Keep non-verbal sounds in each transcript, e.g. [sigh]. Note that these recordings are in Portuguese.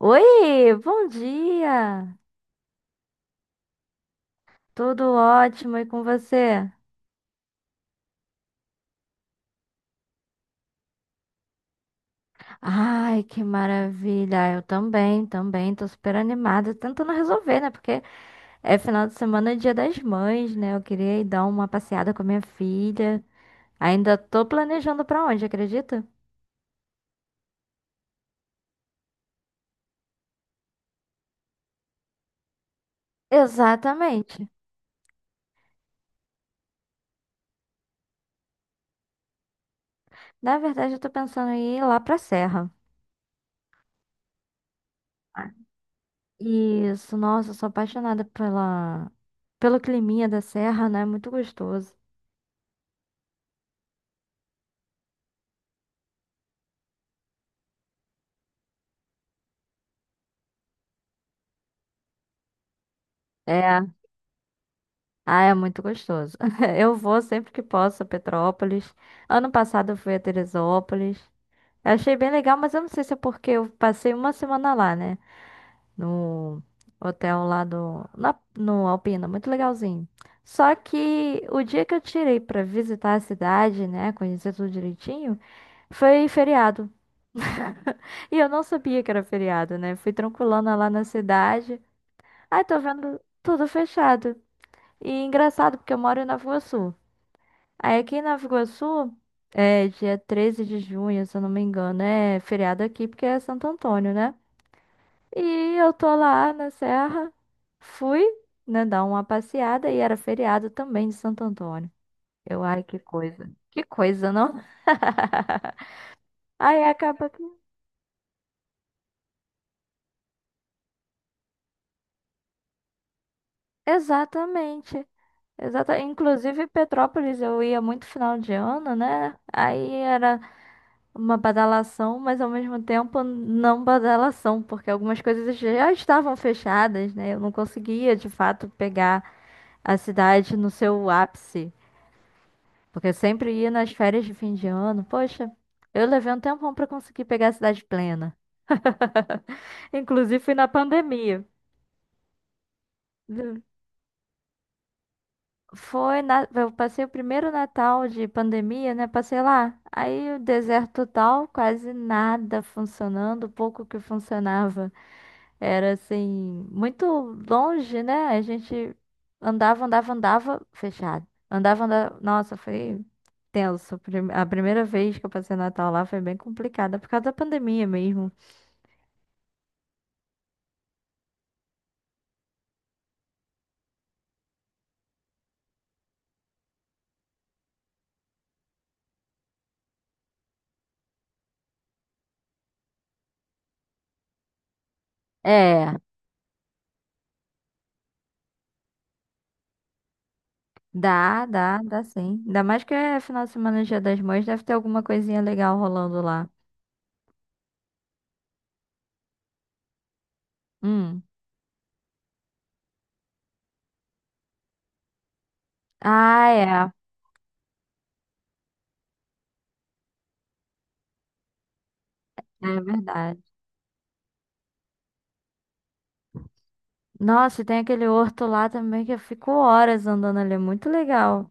Oi, bom dia! Tudo ótimo e com você? Ai, que maravilha! Eu tô super animada, tentando resolver, né? Porque é final de semana, é dia das mães, né? Eu queria ir dar uma passeada com a minha filha. Ainda tô planejando pra onde, acredita? Exatamente. Na verdade, eu tô pensando em ir lá pra Serra. Ah. Isso, nossa, eu sou apaixonada pelo climinha da Serra, né? Muito gostoso. É. Ah, é muito gostoso. [laughs] Eu vou sempre que posso a Petrópolis. Ano passado eu fui a Teresópolis. Eu achei bem legal, mas eu não sei se é porque eu passei uma semana lá, né? No hotel lá no Alpina, muito legalzinho. Só que o dia que eu tirei pra visitar a cidade, né, conhecer tudo direitinho, foi feriado. E eu não sabia que era feriado, né? Fui tranquilona lá na cidade. Aí tô vendo tudo fechado. E engraçado, porque eu moro em Nova Iguaçu. Aí aqui em Nova Iguaçu, é dia 13 de junho, se eu não me engano, é feriado aqui porque é Santo Antônio, né? E eu tô lá na serra, fui, né, dar uma passeada e era feriado também de Santo Antônio. Eu, ai, que coisa. Que coisa, não? [laughs] Aí acaba que. Exatamente. Exata... Inclusive, Petrópolis eu ia muito final de ano, né? Aí era uma badalação, mas ao mesmo tempo não badalação, porque algumas coisas já estavam fechadas, né? Eu não conseguia, de fato, pegar a cidade no seu ápice, porque eu sempre ia nas férias de fim de ano. Poxa, eu levei um tempão para conseguir pegar a cidade plena. [laughs] Inclusive, fui na pandemia. Eu passei o primeiro Natal de pandemia, né? Passei lá. Aí o deserto total, quase nada funcionando, pouco que funcionava. Era assim, muito longe, né? A gente andava, fechado. Andava. Nossa, foi tenso. A primeira vez que eu passei Natal lá foi bem complicada, por causa da pandemia mesmo. É, dá sim. Ainda mais que é final de semana, Dia das Mães, deve ter alguma coisinha legal rolando lá. Hum. Ah, é. É verdade. Nossa, e tem aquele horto lá também que eu fico horas andando ali. É muito legal.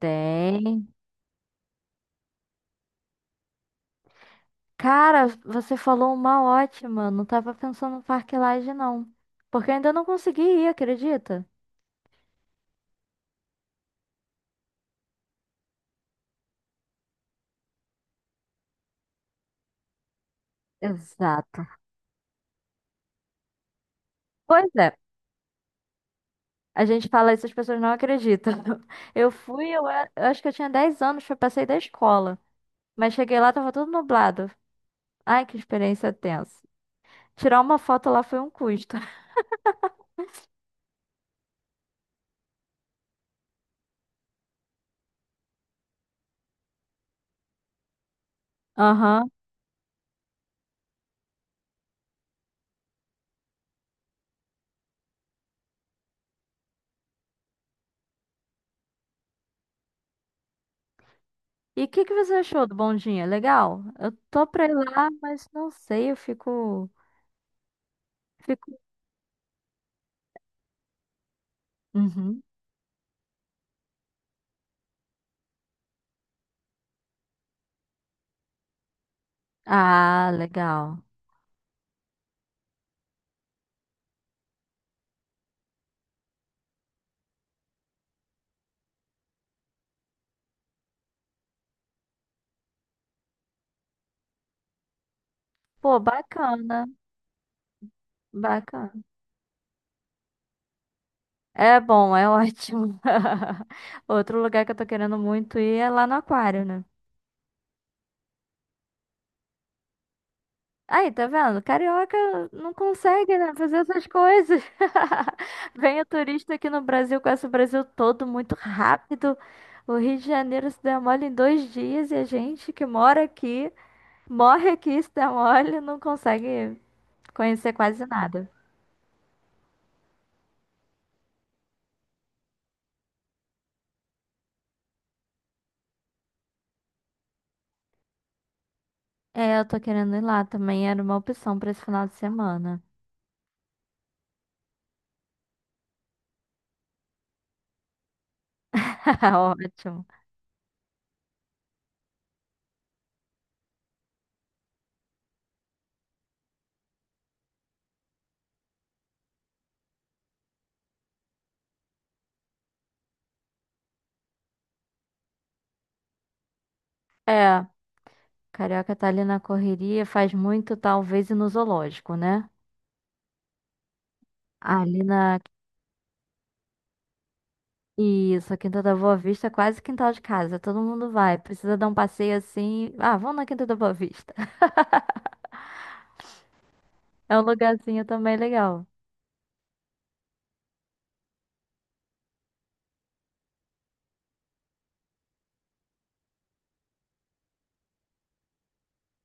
Tem. Cara, você falou uma ótima. Não tava pensando no Parque Lage, não. Porque eu ainda não consegui ir, acredita? Exato. Pois é. A gente fala isso, as pessoas não acreditam. [laughs] Eu acho que eu tinha 10 anos, foi passei da escola. Mas cheguei lá, tava tudo nublado. Ai, que experiência tensa. Tirar uma foto lá foi um custo. [laughs] Aham. E o que que você achou do Bondinha? Legal? Eu tô pra ir lá, mas não sei, fico... Uhum. Ah, legal. Pô, bacana. Bacana. É bom, é ótimo. [laughs] Outro lugar que eu tô querendo muito ir é lá no aquário, né? Aí, tá vendo? Carioca não consegue, né, fazer essas coisas. [laughs] Vem o turista aqui no Brasil, conhece o Brasil todo muito rápido. O Rio de Janeiro se demole em 2 dias e a gente que mora aqui, morre aqui, se demole, não consegue conhecer quase nada. É, eu tô querendo ir lá também, era uma opção pra esse final de semana. [laughs] Ótimo. É. Carioca tá ali na correria, faz muito, talvez, ir no zoológico, né? Ali na. Isso, a Quinta da Boa Vista é quase quintal de casa. Todo mundo vai. Precisa dar um passeio assim. Ah, vamos na Quinta da Boa Vista. [laughs] É um lugarzinho também legal.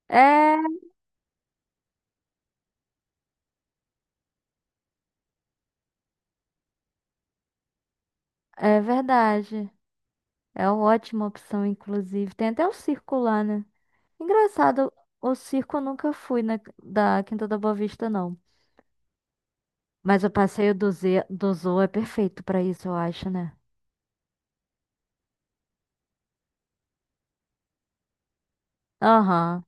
É, é verdade. É uma ótima opção, inclusive. Tem até o circo lá, né? Engraçado, o circo eu nunca fui da Quinta da Boa Vista, não. Mas o passeio do Zoo é perfeito pra isso, eu acho, né? Aham,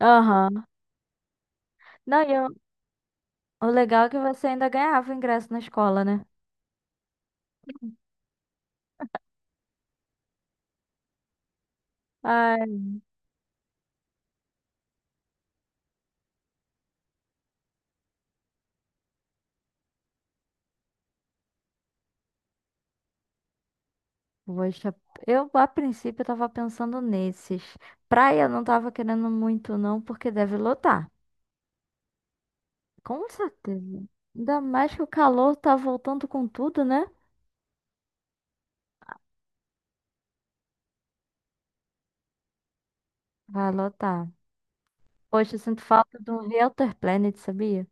aham. Não, o legal é que você ainda ganhava o ingresso na escola, né? Ai, poxa, eu a princípio tava pensando nesses. Praia eu não tava querendo muito não, porque deve lotar. Com certeza. Ainda mais que o calor tá voltando com tudo, né? Vai lotar. Poxa, eu sinto falta de um Realtor Planet, sabia?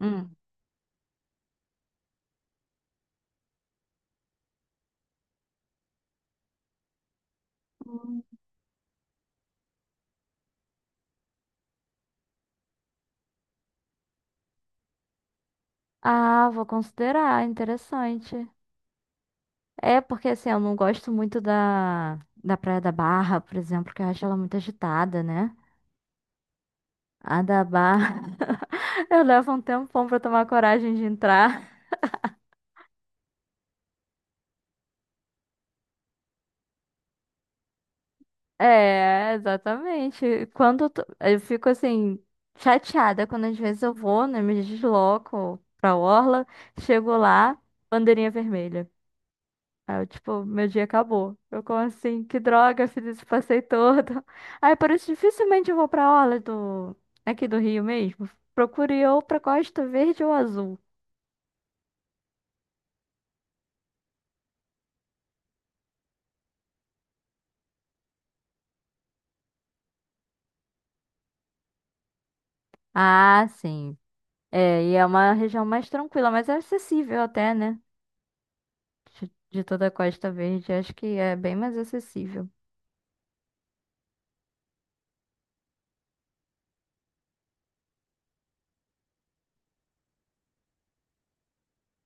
Hum. Hum. Ah, vou considerar, interessante. É porque assim, eu não gosto muito da Praia da Barra, por exemplo, que eu acho ela muito agitada, né? A da Barra. Eu levo um tempão pra tomar coragem de entrar. É, exatamente. Quando eu fico assim, chateada quando às vezes eu vou, né? Me desloco pra orla, chego lá, bandeirinha vermelha. Aí eu, tipo, meu dia acabou. Eu como assim, que droga, fiz esse passeio todo. Aí por isso dificilmente eu vou pra orla aqui do Rio mesmo. Procuro ir ou pra Costa Verde ou Azul. Ah, sim. É, e é uma região mais tranquila, mas é acessível até, né? De toda a Costa Verde, acho que é bem mais acessível.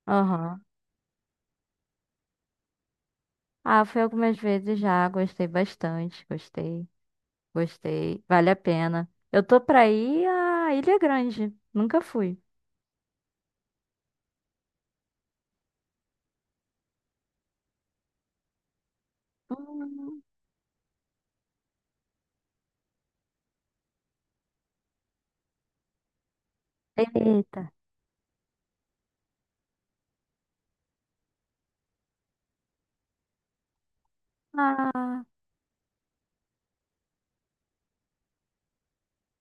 Aham. Ah, fui algumas vezes já, gostei bastante, vale a pena. Eu tô pra ir à Ilha Grande, nunca fui. Hum, Eita. Ah,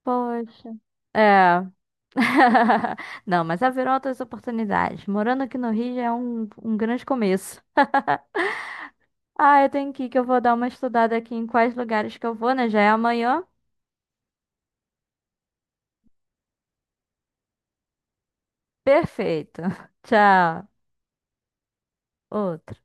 poxa. É. [laughs] Não, mas haverão outras oportunidades. Morando aqui no Rio já é um grande começo. Ah, eu tenho que ir, que eu vou dar uma estudada aqui em quais lugares que eu vou, né? Já é amanhã. Perfeito. [laughs] Tchau. Outro.